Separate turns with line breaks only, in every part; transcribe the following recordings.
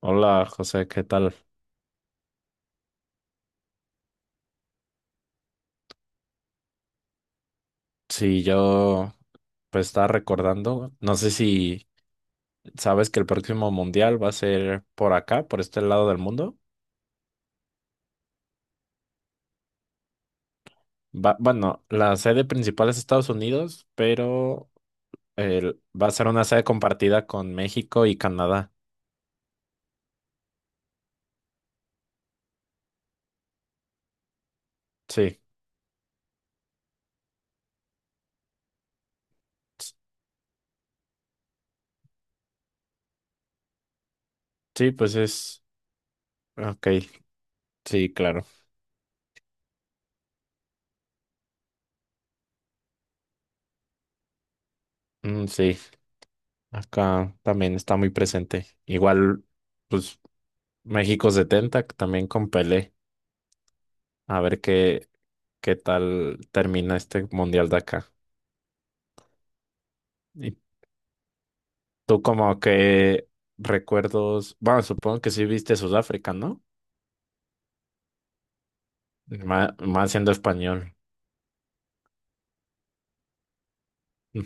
Hola José, ¿qué tal? Sí, yo pues estaba recordando, no sé si sabes que el próximo mundial va a ser por acá, por este lado del mundo. Va, bueno, la sede principal es Estados Unidos, pero va a ser una sede compartida con México y Canadá. Sí, s- sí, pues es... Ok, sí, claro. Mm, sí, acá también está muy presente. Igual, pues México 70, que también con Pelé. A ver qué tal termina este mundial de acá. Y tú como que recuerdos, bueno, supongo que sí viste Sudáfrica, ¿no? Más, siendo español. Mm.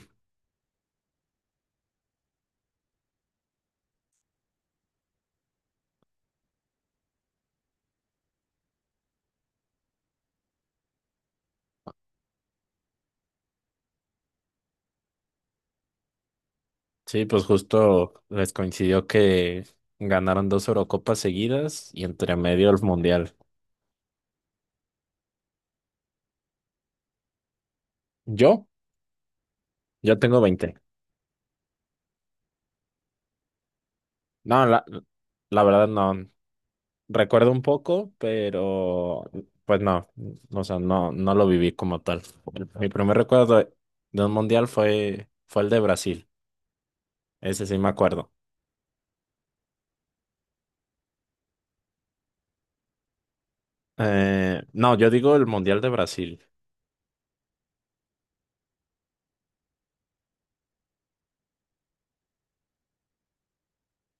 Sí, pues justo les coincidió que ganaron dos Eurocopas seguidas y entre medio el mundial. Yo, yo tengo 20. No, la verdad no. Recuerdo un poco, pero pues no, o sea, no lo viví como tal. Mi primer recuerdo de un mundial fue el de Brasil. Ese sí me acuerdo. No, yo digo el Mundial de Brasil.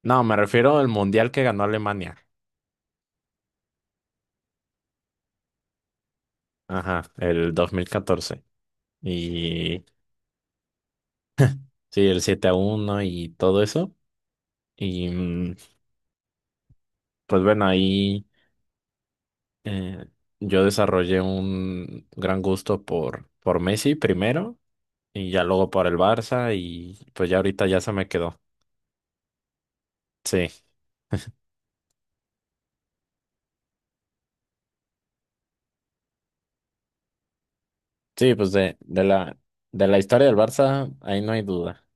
No, me refiero al Mundial que ganó Alemania. Ajá, el 2014. Y sí, el 7-1 y todo eso. Y pues bueno, ahí eh, yo desarrollé un gran gusto por Messi primero y ya luego por el Barça y pues ya ahorita ya se me quedó. Sí, sí, pues de la historia del Barça, ahí no hay duda.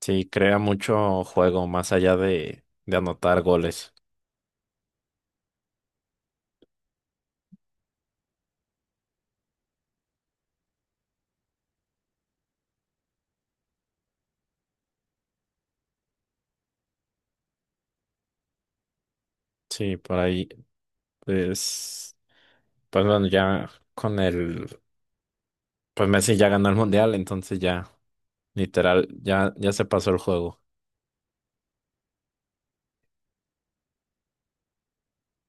Sí, crea mucho juego más allá de anotar goles. Sí, por ahí, pues, pues bueno, ya con el, pues Messi ya ganó el mundial, entonces ya, literal, ya se pasó el juego.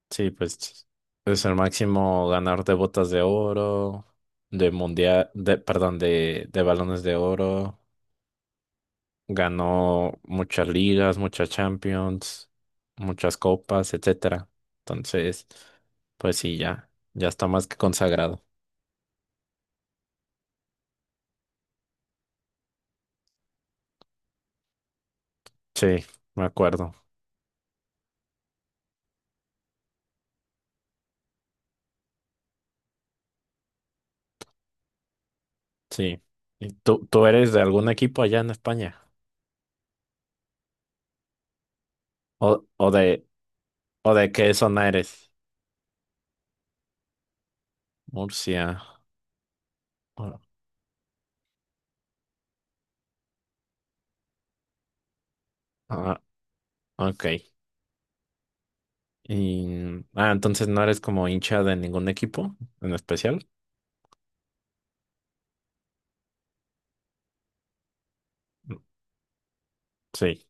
Sí, pues es el máximo ganador de botas de oro, de mundial, perdón, de balones de oro. Ganó muchas ligas, muchas Champions, muchas copas, etcétera. Entonces, pues sí, ya está más que consagrado. Sí, me acuerdo. Sí. ¿Y tú eres de algún equipo allá en España? ¿O, o de, o de qué zona eres? Murcia. Ah, ah, ok. Y, ah, entonces no eres como hincha de ningún equipo en especial. Sí.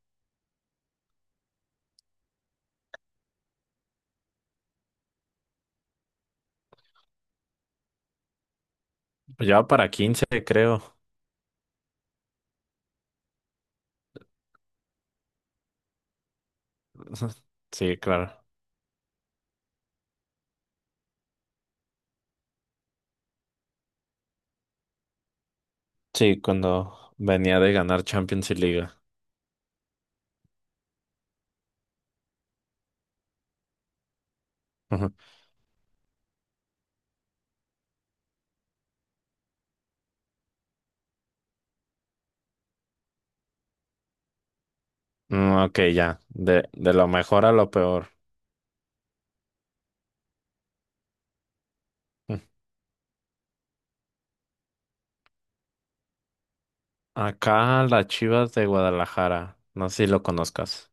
Ya para 15 creo. Sí, claro. Sí, cuando venía de ganar Champions y Liga. Ujú. Mm, ok, ya. De lo mejor a lo peor. Mm. Acá las Chivas de Guadalajara. No sé si lo conozcas.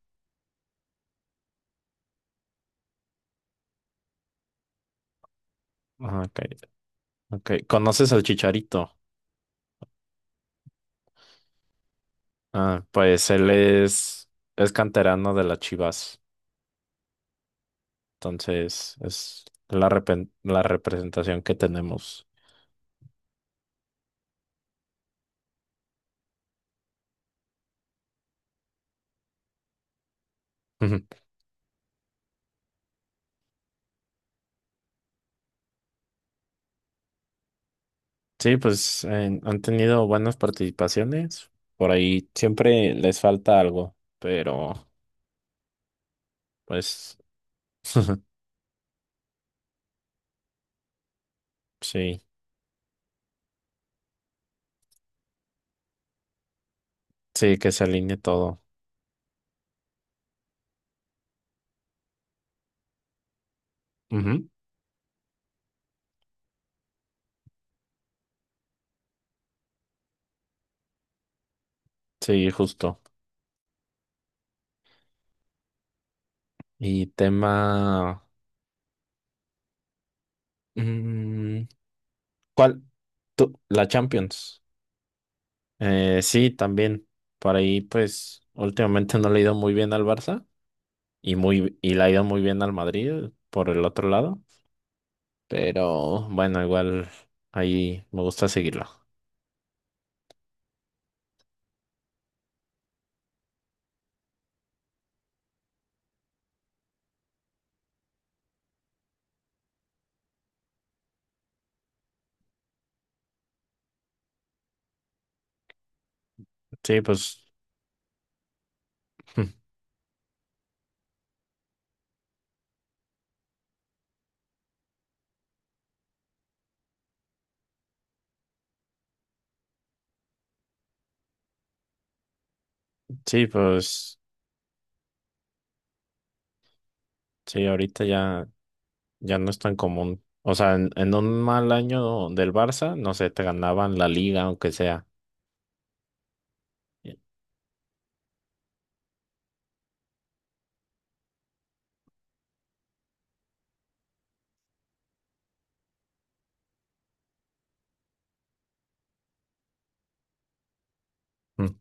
Ah, ok, ok. ¿Conoces al Chicharito? Ah, pues él es canterano de las Chivas. Entonces, es la representación que tenemos. Ujú. Sí, pues han tenido buenas participaciones. Por ahí siempre les falta algo, pero pues. Sí, sí, que se alinee todo. Ujú. Sí, justo. Y tema... mm, ¿Cuál? Tú, la Champions. Sí, también. Por ahí, pues, últimamente no le ha ido muy bien al Barça y le ha ido muy bien al Madrid por el otro lado. Pero bueno, igual ahí me gusta seguirlo. Sí, pues, sí, pues, sí, ahorita ya. Ya no es tan común. O sea, en un mal año del Barça, no sé, te ganaban la liga, aunque sea. mm,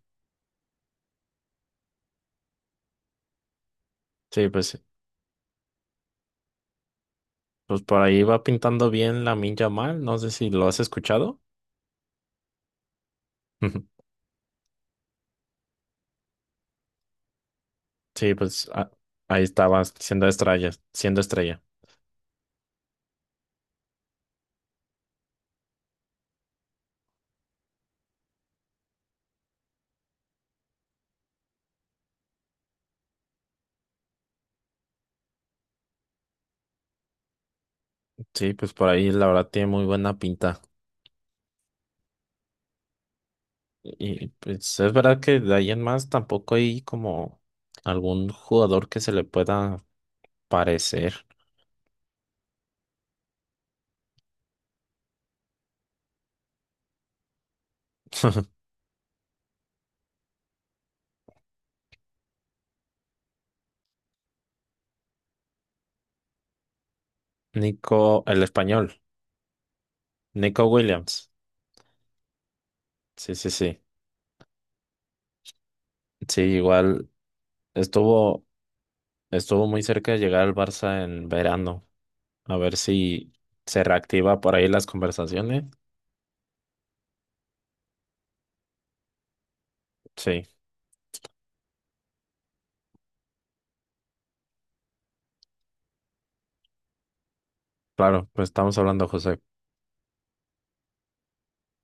Sí, pues, por ahí va pintando bien la Lamine mal no sé si lo has escuchado. Ujú. Sí, pues ahí estaba siendo estrella, siendo estrella. Sí, pues por ahí la verdad tiene muy buena pinta. Y pues es verdad que de ahí en más tampoco hay como algún jugador que se le pueda parecer. Nico, el español, Nico Williams. Sí, sí, sí. Sí, igual estuvo, estuvo muy cerca de llegar al Barça en verano. A ver si se reactiva por ahí las conversaciones. Sí, claro, pues estamos hablando, José.